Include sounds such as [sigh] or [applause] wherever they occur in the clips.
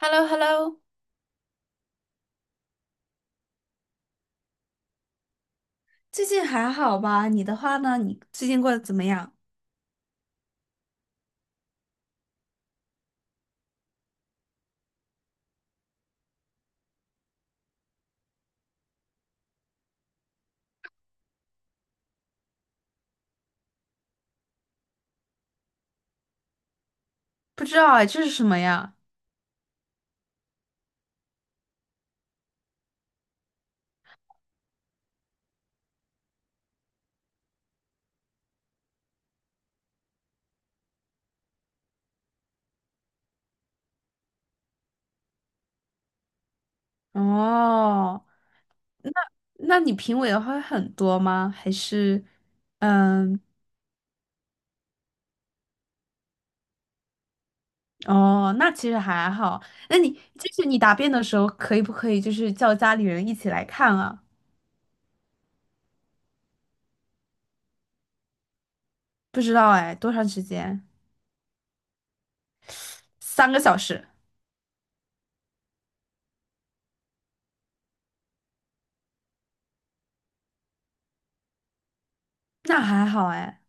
h e l l o h e l l o 最近还好吧？你的话呢？你最近过得怎么样？不知道哎，这是什么呀？哦，那那你评委的话会很多吗？还是，嗯，哦，那其实还好。那你就是你答辩的时候，可以不可以就是叫家里人一起来看啊？不知道哎，多长时间？3个小时，那还好哎。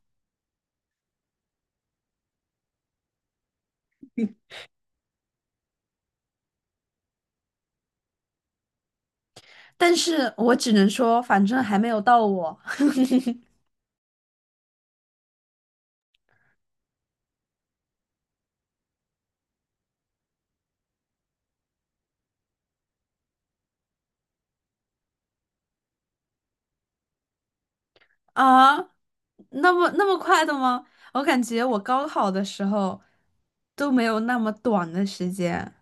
但是我只能说，反正还没有到我。啊，那么快的吗？我感觉我高考的时候都没有那么短的时间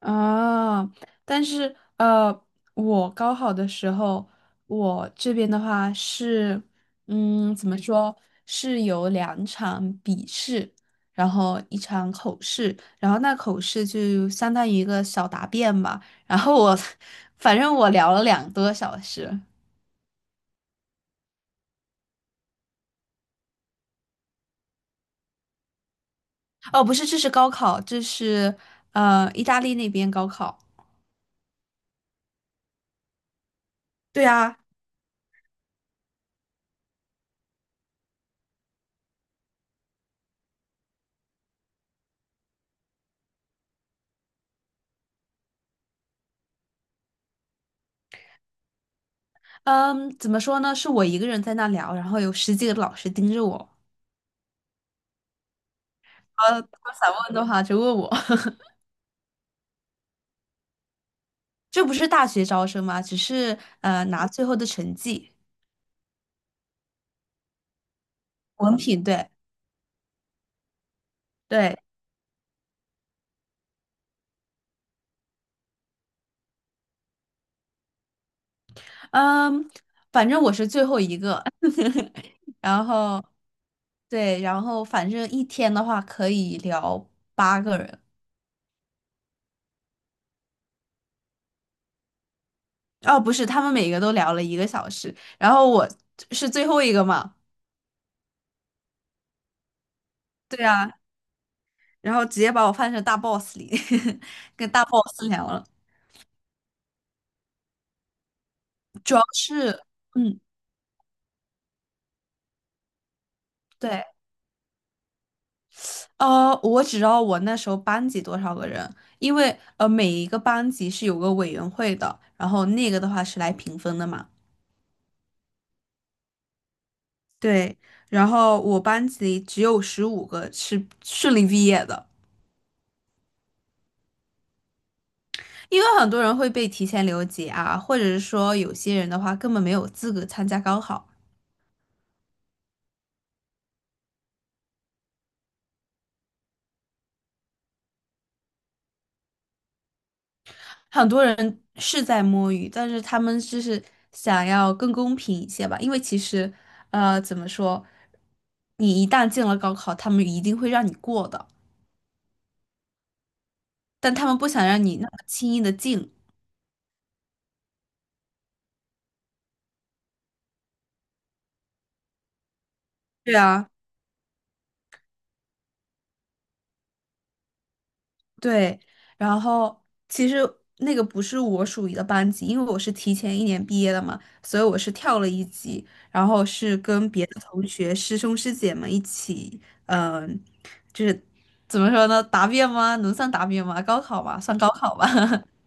啊。但是我高考的时候，我这边的话是，怎么说，是有两场笔试，然后一场口试，然后那口试就相当于一个小答辩吧。然后我，[laughs] 反正我聊了2个多小时。哦，不是，这是高考，这是意大利那边高考。对啊，嗯，怎么说呢？是我一个人在那聊，然后有十几个老师盯着我。他们想问的话就问我。[laughs] 这不是大学招生吗？只是拿最后的成绩，文凭对对，嗯，反正我是最后一个。[laughs] 然后对，然后反正一天的话可以聊八个人。哦，不是，他们每个都聊了一个小时，然后我是最后一个嘛。对啊，然后直接把我放成大 boss 里，[laughs] 跟大 boss 聊了。主要是，嗯，对，我只知道我那时候班级多少个人，因为每一个班级是有个委员会的，然后那个的话是来评分的嘛。对，然后我班级只有15个是顺利毕业的，因为很多人会被提前留级啊，或者是说有些人的话根本没有资格参加高考。很多人是在摸鱼，但是他们就是想要更公平一些吧，因为其实，怎么说，你一旦进了高考，他们一定会让你过的，但他们不想让你那么轻易的进。对啊，对，然后其实那个不是我属于的班级，因为我是提前一年毕业的嘛，所以我是跳了一级，然后是跟别的同学、师兄师姐们一起，嗯、怎么说呢？答辩吗？能算答辩吗？高考吧，算高考吧。[laughs]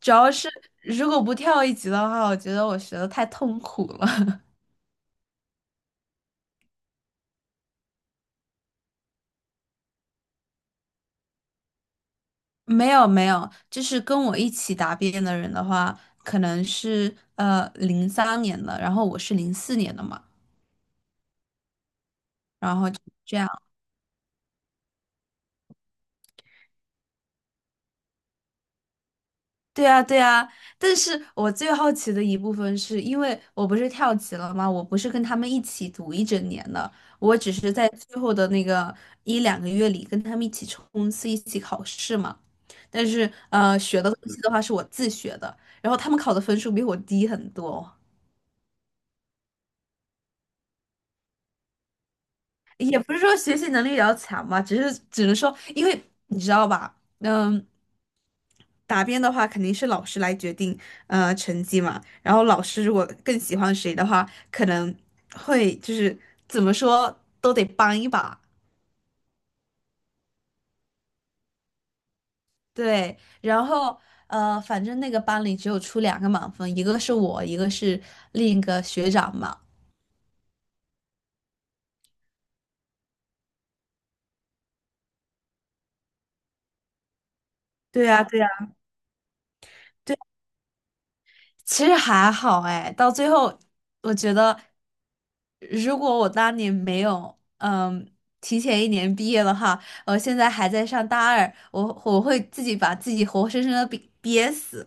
主要是如果不跳一级的话，我觉得我学的太痛苦了。[laughs] 没有没有，就是跟我一起答辩的人的话，可能是03年的，然后我是04年的嘛，然后就这样对啊，对啊，但是我最好奇的一部分是因为我不是跳级了吗？我不是跟他们一起读一整年的，我只是在最后的那个一两个月里跟他们一起冲刺、一起考试嘛。但是学的东西的话是我自学的，然后他们考的分数比我低很多，也不是说学习能力比较强嘛，只是只能说，因为你知道吧，嗯。答辩的话，肯定是老师来决定成绩嘛。然后老师如果更喜欢谁的话，可能会就是怎么说都得帮一把。对，然后反正那个班里只有出两个满分，一个是我，一个是另一个学长嘛。对呀，对呀。其实还好哎，到最后我觉得，如果我当年没有提前一年毕业的话，我现在还在上大二，我会自己把自己活生生的憋死。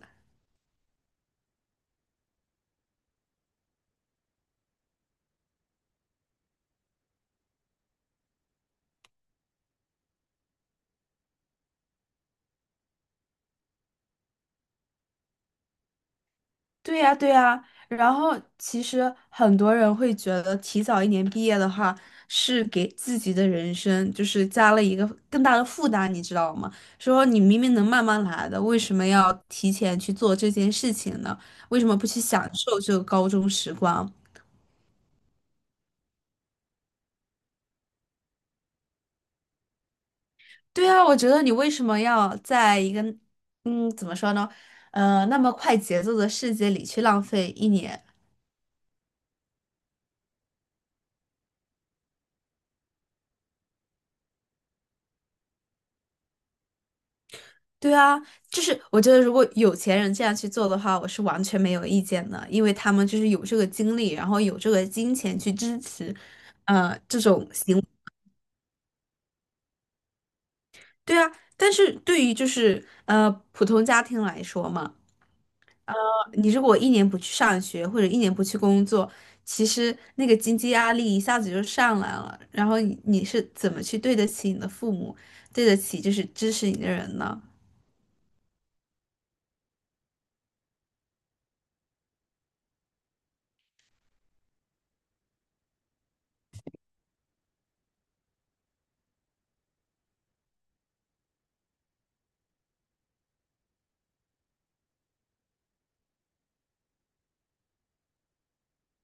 对呀，对呀，然后其实很多人会觉得提早一年毕业的话，是给自己的人生就是加了一个更大的负担，你知道吗？说你明明能慢慢来的，为什么要提前去做这件事情呢？为什么不去享受这个高中时光？对啊，我觉得你为什么要在一个，怎么说呢？那么快节奏的世界里去浪费一年？对啊，就是我觉得如果有钱人这样去做的话，我是完全没有意见的，因为他们就是有这个精力，然后有这个金钱去支持，这种行为对啊，但是对于就是普通家庭来说嘛，你如果一年不去上学或者一年不去工作，其实那个经济压力一下子就上来了，然后你是怎么去对得起你的父母，对得起就是支持你的人呢？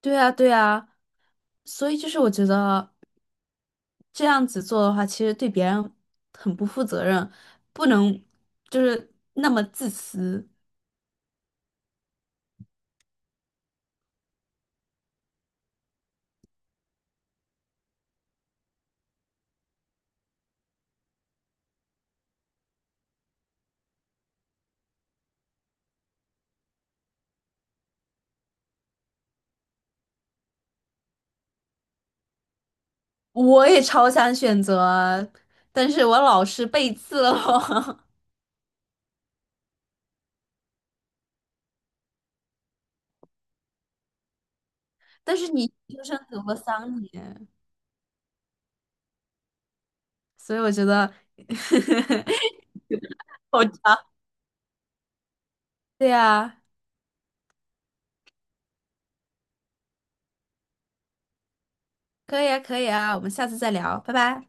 对啊，对啊，所以就是我觉得。这样子做的话，其实对别人很不负责任，不能就是那么自私。我也超想选择啊，但是我老是背刺了我 [laughs] 但是你研究生读了三年，所以我觉得 [laughs] 好长。[laughs] 对呀，可以啊，可以啊，我们下次再聊，拜拜。